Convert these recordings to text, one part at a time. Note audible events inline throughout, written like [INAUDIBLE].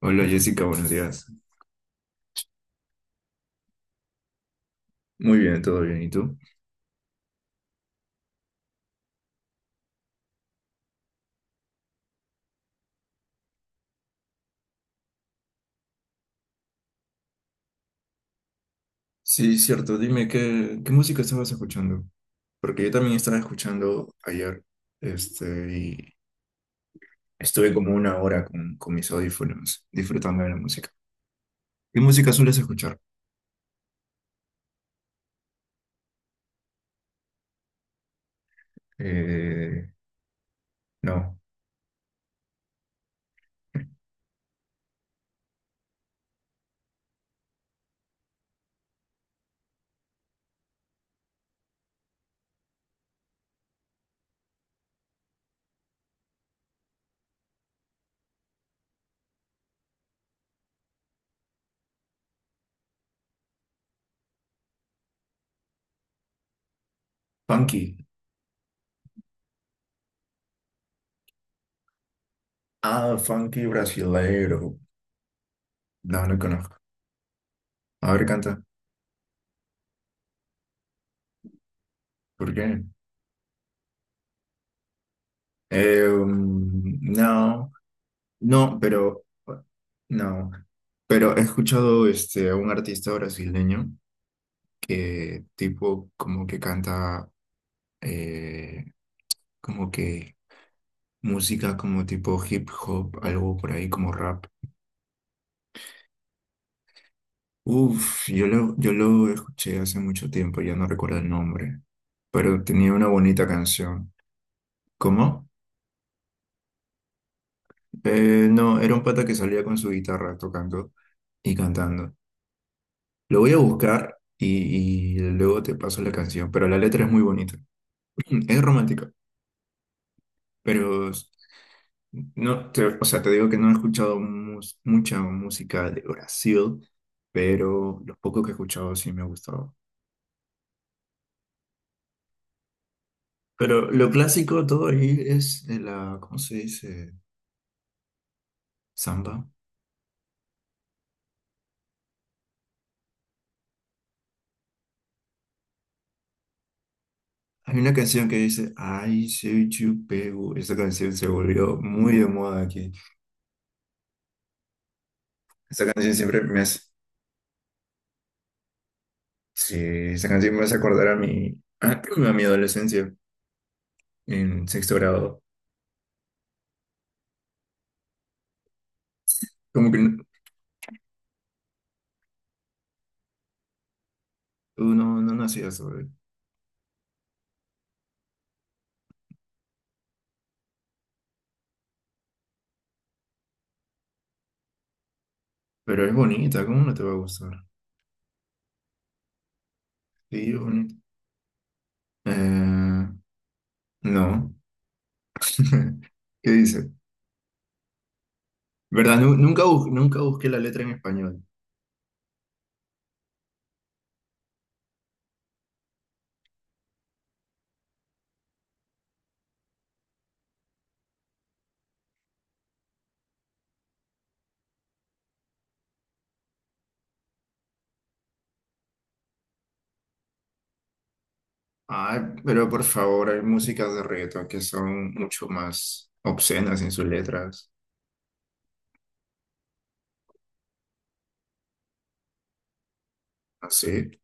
Hola Jessica, buenos días. Muy bien, todo bien. ¿Y tú? Sí, cierto. Dime, ¿qué música estabas escuchando? Porque yo también estaba escuchando ayer, y estuve como una hora con mis audífonos disfrutando de la música. ¿Qué música sueles escuchar? Eh, no. Funky. Ah, funky brasileiro. No, no conozco. A ver, canta. ¿Por qué? No. No, pero no. Pero he escuchado este a un artista brasileño que tipo como que canta eh, como que música como tipo hip hop, algo por ahí como rap. Uf, yo lo escuché hace mucho tiempo, ya no recuerdo el nombre, pero tenía una bonita canción. ¿Cómo? No, era un pata que salía con su guitarra tocando y cantando. Lo voy a buscar y luego te paso la canción, pero la letra es muy bonita. [CLEARS THROAT] Es romántica, pero no, o sea, te digo que no he escuchado mucha música de Brasil, pero lo poco que he escuchado sí me ha gustado. Pero lo clásico de todo ahí es de la, ¿cómo se dice? Samba. Hay una canción que dice, ay, soy chupeu. Esa canción se volvió muy de moda aquí. Esa canción siempre me hace... Sí, esa canción me hace acordar a mi, [CLEARS THROAT] a mi adolescencia en sexto grado. Como que no, tú no, no nacías sobre, pero es bonita, ¿cómo no te va a gustar? Sí, es bonita. Eh, no. [LAUGHS] ¿Qué dice? ¿Verdad? Nunca, nunca busqué la letra en español. Ay, pero por favor, hay músicas de reggaetón que son mucho más obscenas en sus letras. Así.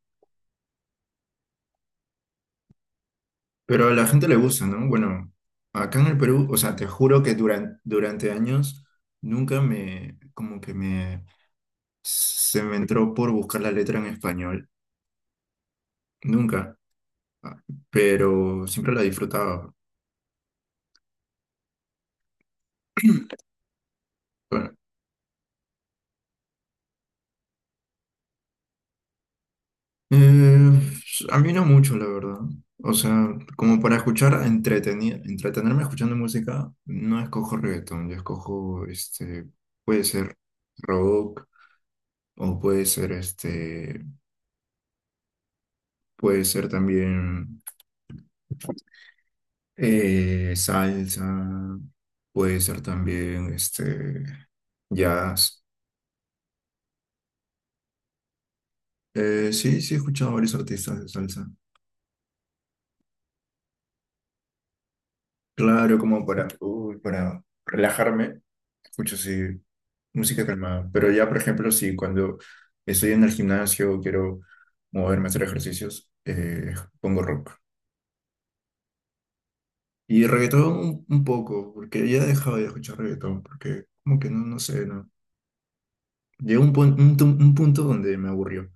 Pero a la gente le gusta, ¿no? Bueno, acá en el Perú, o sea, te juro que durante años nunca me, como que me, se me entró por buscar la letra en español, nunca. Ah, pero siempre la disfrutaba. Bueno, eh, a mí no mucho, la verdad. O sea, como para escuchar, entretenerme escuchando música, no escojo reggaetón, yo escojo, este, puede ser rock o puede ser, este, puede ser también... salsa, puede ser también este jazz. Sí, sí he escuchado varios artistas de salsa. Claro, como para, uy, para relajarme, escucho sí música calmada. Pero ya, por ejemplo, si cuando estoy en el gimnasio quiero moverme a hacer ejercicios, pongo rock. Y reggaetón un poco, porque ya he dejado de escuchar reggaetón, porque como que no, no sé, no. Llegó un punto donde me aburrió.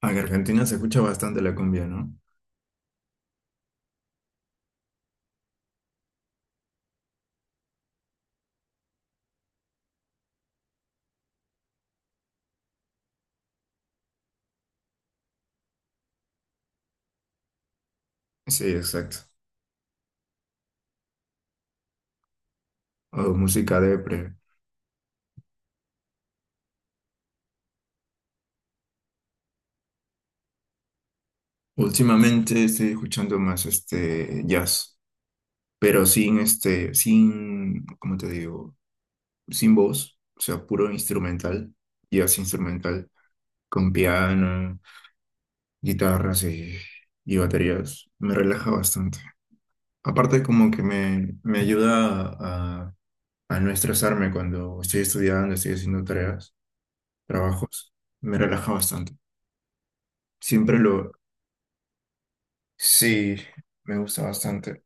Ah, que Argentina se escucha bastante la cumbia, ¿no? Sí, exacto. O música depre. Últimamente estoy escuchando más este jazz, pero sin este, sin, ¿cómo te digo? Sin voz, o sea, puro instrumental, jazz instrumental, con piano, guitarras y baterías. Me relaja bastante. Aparte como que me ayuda a no estresarme cuando estoy estudiando, estoy haciendo tareas, trabajos. Me relaja bastante. Siempre lo... Sí, me gusta bastante.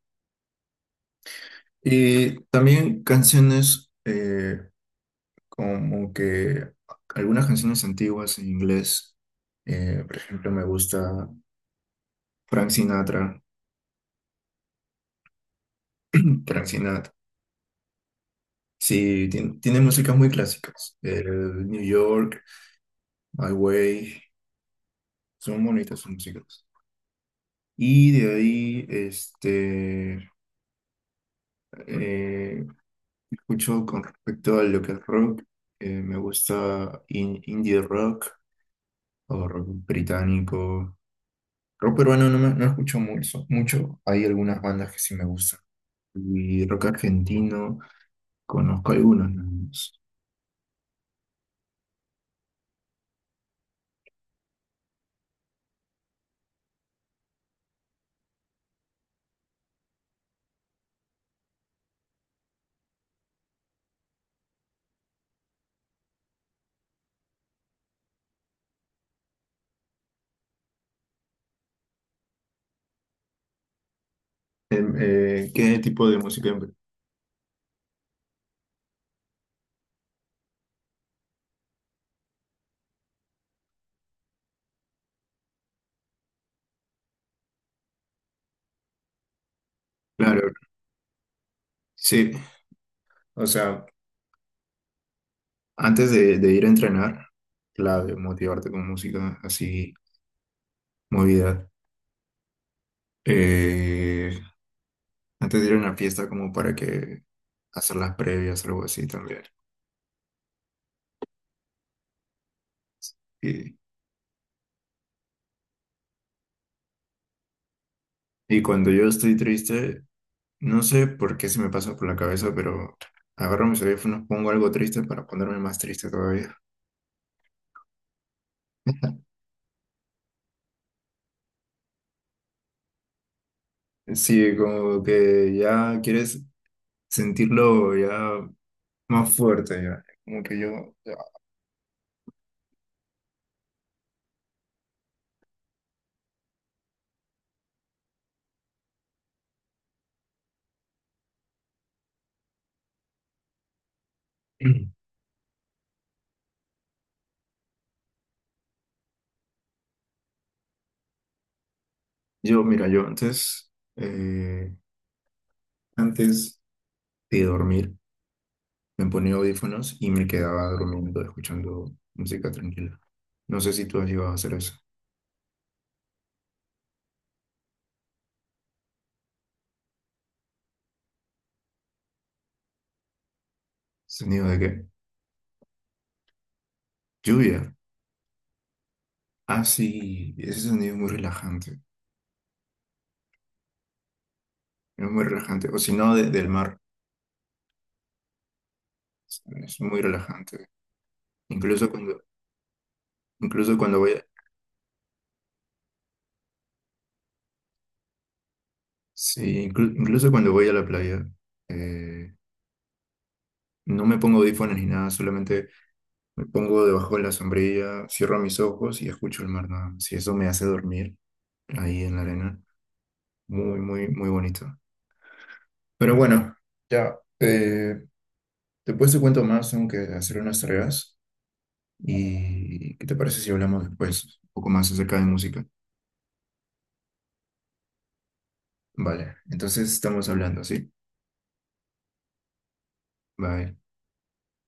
Y también canciones como que algunas canciones antiguas en inglés. Por ejemplo, me gusta Frank Sinatra. Frank Sinatra. Sí, tiene músicas muy clásicas. El New York, My Way. Son bonitas sus músicas. Y de ahí, eh, escucho con respecto a lo que es rock. Me gusta indie rock o rock británico. Rock peruano no, no escucho mucho, mucho. Hay algunas bandas que sí me gustan. Y rock argentino, conozco algunos, nada más. ¿Qué tipo de música? Claro, sí. O sea, antes de ir a entrenar, clave, motivarte con música así, movida. Eh, antes de ir a una fiesta, como para que hacer las previas, algo así también. Y, y cuando yo estoy triste, no sé por qué se me pasa por la cabeza, pero agarro mis audífonos, pongo algo triste para ponerme más triste todavía. Sí, como que ya quieres sentirlo ya más fuerte, ya. Como que yo, ya. Yo, mira, yo antes, eh, antes de dormir, me ponía audífonos y me quedaba durmiendo, escuchando música tranquila. No sé si tú has llegado a hacer eso. ¿Sonido de qué? Lluvia. Ah, sí, ese sonido es muy relajante. Es muy relajante. O si no, del mar. Es muy relajante. Incluso cuando, incluso cuando voy a, sí, incluso cuando voy a la playa, eh, no me pongo audífonos ni nada, solamente me pongo debajo de la sombrilla, cierro mis ojos y escucho el mar nada más. Y eso me hace dormir ahí en la arena. Muy, muy, muy bonito. Pero bueno, ya. Después te cuento más, aunque hacer unas tareas. ¿Y qué te parece si hablamos después? Un poco más acerca de música. Vale, entonces estamos hablando, ¿sí? Bye.